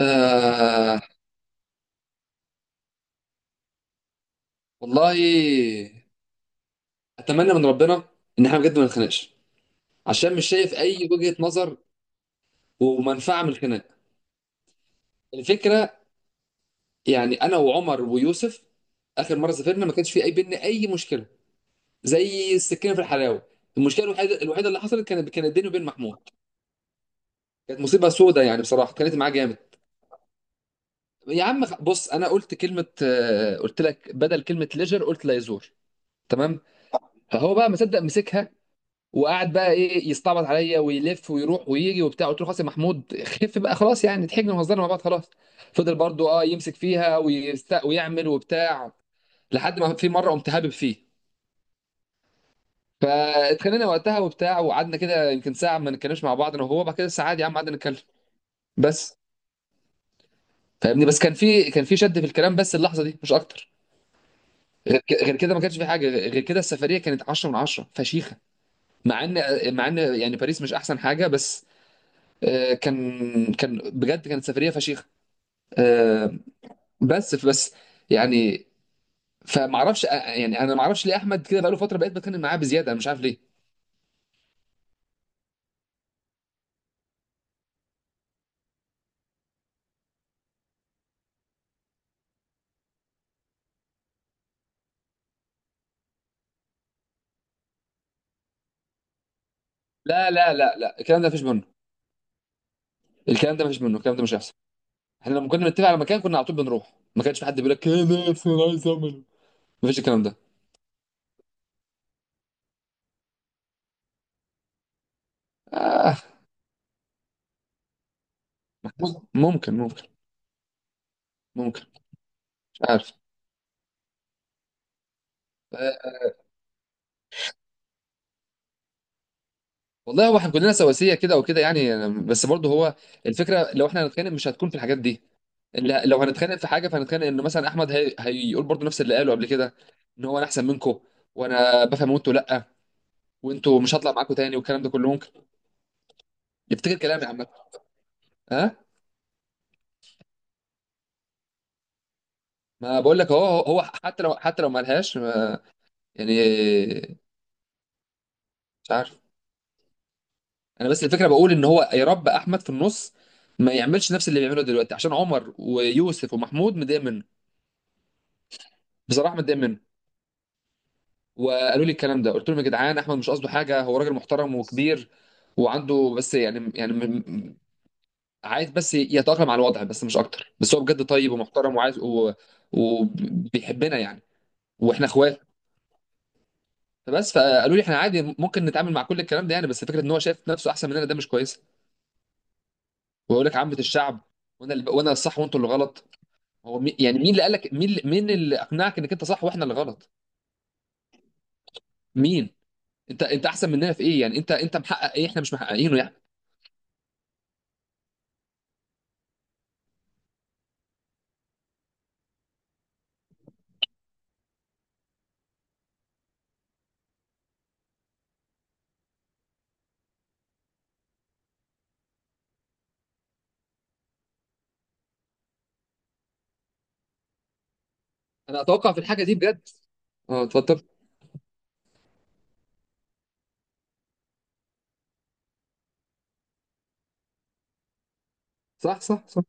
آه، والله اتمنى من ربنا ان احنا بجد ما نتخانقش، عشان مش شايف اي وجهة نظر ومنفعة من الخناق. الفكرة يعني انا وعمر ويوسف، اخر مرة سافرنا ما كانش في اي بينا اي مشكلة، زي السكينة في الحلاوة. المشكلة الوحيدة الوحيدة اللي حصلت كانت بيني وبين محمود. كانت مصيبة سودة يعني، بصراحة كانت معاه جامد. يا عم، بص، انا قلت كلمة، قلت لك بدل كلمة ليجر قلت لا يزور، تمام؟ فهو بقى مصدق مسكها، وقعد بقى ايه يستعبط عليا ويلف ويروح ويجي وبتاع. قلت له خلاص يا محمود، خف بقى خلاص، يعني ضحكنا وهزرنا مع بعض خلاص. فضل برضو يمسك فيها ويعمل وبتاع، لحد ما في مره قمت هابب فيه. فاتخانقنا وقتها وبتاع، وقعدنا كده يمكن ساعه ما نتكلمش مع بعض انا وهو. بعد كده ساعه عادي يا عم قعدنا نتكلم. بس فاهمني، بس كان في شد في الكلام، بس اللحظه دي مش اكتر. غير كده ما كانش في حاجه. غير كده السفريه كانت 10 من 10 فشيخه، مع ان يعني باريس مش احسن حاجه، بس آه، كان كان بجد كانت سفريه فشيخه. آه، بس يعني، فما اعرفش. يعني انا ما اعرفش ليه احمد كده بقاله فتره، بقيت بتكلم معاه بزياده، انا مش عارف ليه. لا لا لا لا، الكلام ده مفيش منه. الكلام ده مفيش منه، الكلام ده مش هيحصل. احنا لما كنا بنتفق على مكان كنا على طول بنروح، ما كانش في حد بيقول لك كده. بس انا عايز اعمل، مفيش الكلام ده. آه، ممكن ممكن ممكن. ممكن، مش عارف. آه، والله هو احنا كلنا سواسيه كده وكده يعني، بس برضه هو الفكره لو احنا هنتخانق مش هتكون في الحاجات دي. لا، لو هنتخانق في حاجه فهنتخانق انه مثلا احمد هيقول برضه نفس اللي قاله قبل كده، ان هو انا احسن منكم، وانا بفهم وانتوا لا، وانتوا مش هطلع معاكم تاني، والكلام ده كله ممكن يفتكر كلامي عامه. ها، ما بقول لك هو حتى لو، ما لهاش ما- يعني، مش عارف. انا بس الفكره بقول ان هو يا رب احمد في النص ما يعملش نفس اللي بيعمله دلوقتي، عشان عمر ويوسف ومحمود متضايق منه، بصراحه متضايق منه. وقالوا لي الكلام ده، قلت لهم يا جدعان احمد مش قصده حاجه، هو راجل محترم وكبير، وعنده بس يعني عايز بس يتأقلم على الوضع، بس مش اكتر. بس هو بجد طيب ومحترم وعايز وبيحبنا يعني، واحنا اخوات. فبس فقالوا لي احنا عادي ممكن نتعامل مع كل الكلام ده يعني، بس فكره ان هو شايف نفسه احسن مننا ده مش كويس. ويقول لك عامه الشعب، وانا الصح وانتوا اللي غلط. هو يعني مين اللي قال لك، مين اللي اقنعك انك انت صح واحنا اللي غلط؟ مين؟ انت احسن مننا في ايه يعني؟ انت محقق ايه احنا مش محققينه يعني؟ انا اتوقع في الحاجه دي بجد. اه، 13. صح صح صح.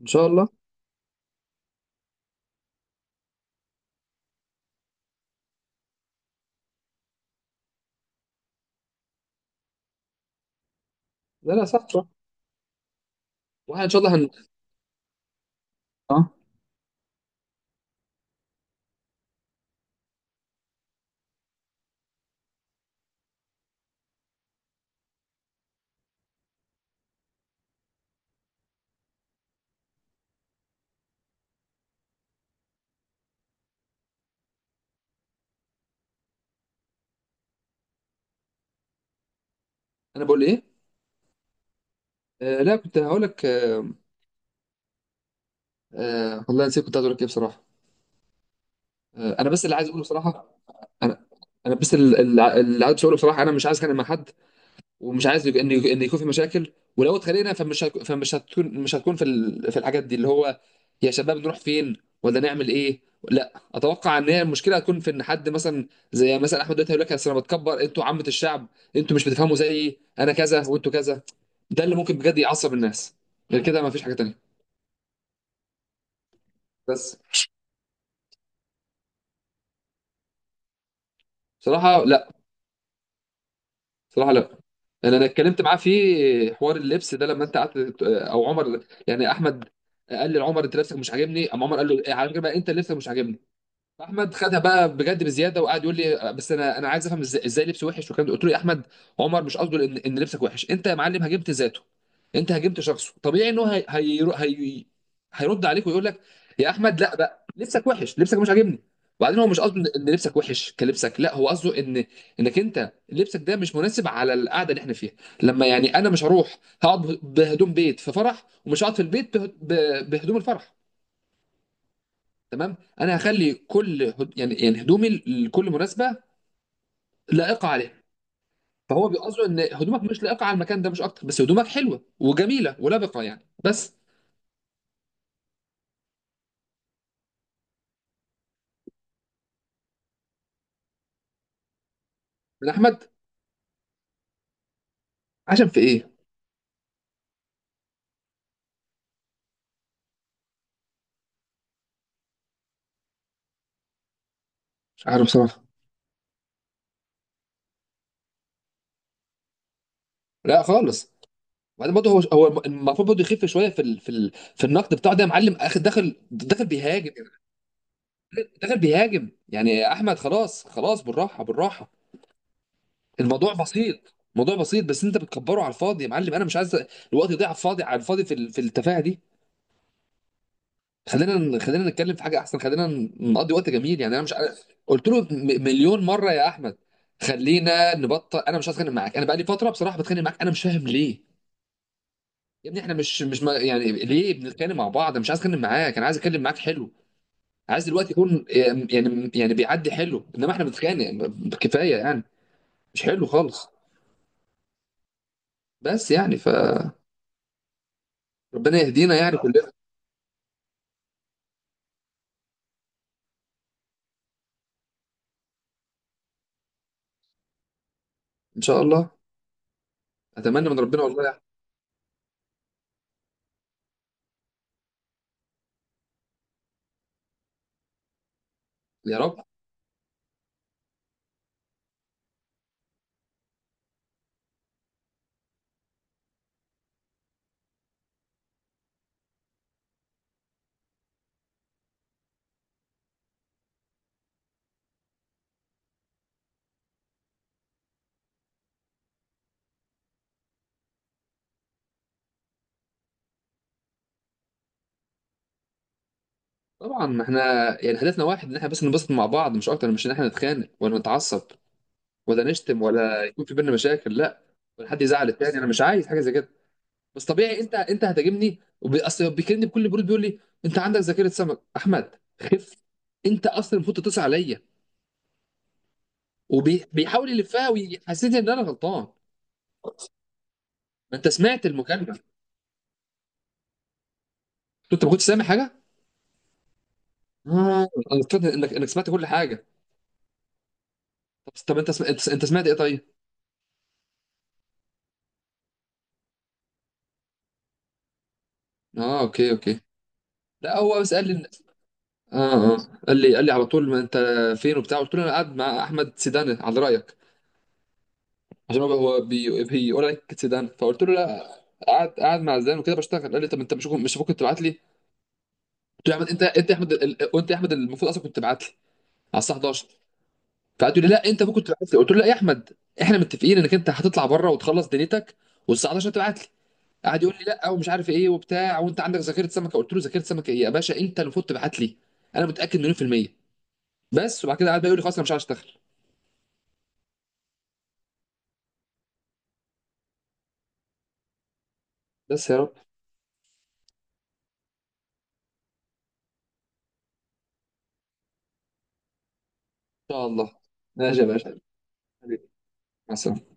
ان شاء الله. لا لا، صح صح. واحنا ان شاء الله اه. انا بقول ايه؟ آه لا، كنت هقول لك. آه والله نسيت كنت عايز اقول لك ايه بصراحه. آه، انا بس اللي عايز اقوله بصراحه. انا انا بس اللي عايز اقوله بصراحه، انا مش عايز اتخانق مع حد، ومش عايز ان يكون في مشاكل. ولو اتخانقنا فمش هتكون، مش هتكون في في الحاجات دي اللي هو، يا شباب نروح فين ولا نعمل ايه. لا، اتوقع ان هي المشكله هتكون في ان حد مثلا زي مثلا احمد دلوقتي هيقول لك، أصل انا بتكبر انتوا عامه الشعب، انتوا مش بتفهموا زيي، انا كذا وانتوا كذا. ده اللي ممكن بجد يعصب الناس. غير كده ما فيش حاجه تانيه. بس. بصراحه لا. صراحة لا. انا اتكلمت معاه في حوار اللبس ده لما انت قعدت، او عمر، يعني احمد قال لي لعمر، انت لبسك مش عاجبني. اما عمر قال له على فكره بقى، انت لبسك مش عاجبني. احمد خدها بقى بجد بزياده، وقعد يقول لي، بس انا عايز افهم ازاي، لبس وحش والكلام ده. قلت له يا احمد، عمر مش قصده ان لبسك وحش، انت يا معلم هاجمت ذاته، انت هاجمت شخصه، طبيعي ان هو هيرد عليك ويقول لك، يا احمد لا بقى لبسك وحش، لبسك مش عاجبني. وبعدين هو مش قصده ان لبسك وحش كلبسك، لا هو قصده ان انك انت لبسك ده مش مناسب على القعده اللي احنا فيها. لما يعني انا مش هروح هقعد بهدوم بيت في فرح، ومش هقعد في البيت بهدوم الفرح، تمام؟ انا هخلي كل يعني هدومي لكل مناسبه لائقه عليها. فهو بيقصده ان هدومك مش لائقه على المكان ده مش اكتر، بس هدومك حلوه وجميله ولبقه يعني، بس من احمد عشان في ايه؟ مش عارف بصراحه. لا خالص. وبعدين برضه هو المفروض برضه يخف شويه في في النقد بتاعه ده. يا معلم اخد داخل داخل بيهاجم، داخل بيهاجم يعني، يا احمد خلاص خلاص، بالراحه بالراحه، الموضوع بسيط، موضوع بسيط، بس انت بتكبره على الفاضي. يا معلم انا مش عايز الوقت يضيع على الفاضي، على الفاضي في في التفاهه دي. خلينا خلينا نتكلم في حاجه احسن، خلينا نقضي وقت جميل. يعني انا مش عارف قلت له مليون مره يا احمد، خلينا نبطل. انا مش عايز اتخانق معاك، انا بقى لي فتره بصراحه بتخانق معاك، انا مش فاهم ليه. يا ابني احنا مش ما يعني ليه بنتكلم مع بعض؟ انا مش عايز اتكلم معاك، انا عايز اتكلم معاك حلو. عايز دلوقتي يكون يعني، بيعدي حلو، انما احنا بنتخانق. كفايه يعني، مش حلو خالص. بس يعني، فربنا يهدينا يعني كلنا ان شاء الله. اتمنى من ربنا والله يا أحمد. يا رب. طبعا احنا يعني هدفنا واحد، ان احنا بس ننبسط مع بعض مش اكتر، مش ان احنا نتخانق ولا نتعصب ولا نشتم ولا يكون في بينا مشاكل، لا. ولا حد يزعل التاني، انا مش عايز حاجه زي كده. بس طبيعي انت هتهاجمني، اصل بيكلمني بكل برود، بيقول لي انت عندك ذاكره سمك، احمد خف، انت اصلا المفروض تتصل عليا، وبيحاول يلفها ويحسسني ان انا غلطان. ما انت سمعت المكالمه. قلت له، انت ما كنتش سامع حاجه؟ اه، انا افتكرت انك سمعت كل حاجه. طب طب، انت انت سمعت ايه طيب؟ اه، اوكي اوكي. لا هو بس قال لي. اه اه. قال لي على طول، ما انت فين وبتاع؟ قلت له انا قاعد مع احمد سيدان على رايك، عشان هو بيقول عليك سيدان، فقلت له لا، قاعد مع زيدان وكده بشتغل. قال لي طب انت مش المفروض كنت تبعت لي؟ قلت له يا احمد، انت يا احمد وانت يا احمد المفروض اصلا كنت تبعت لي على الساعه 11. فقعد يقول لي لا انت المفروض كنت تبعت لي، قلت له لا يا احمد، احنا متفقين انك انت هتطلع بره وتخلص دنيتك، والساعه 11 تبعت لي. قعد يقول لي لا ومش عارف ايه وبتاع، وانت عندك ذاكره سمكه. قلت له ذاكره سمكه ايه يا باشا، انت المفروض تبعت لي، انا متاكد مليون في الميه. بس وبعد كده قعد بقى يقول لي خلاص انا مش عايز اشتغل. بس يا رب ان شاء الله. ماشي يا باشا، حبيبي، مع السلامه.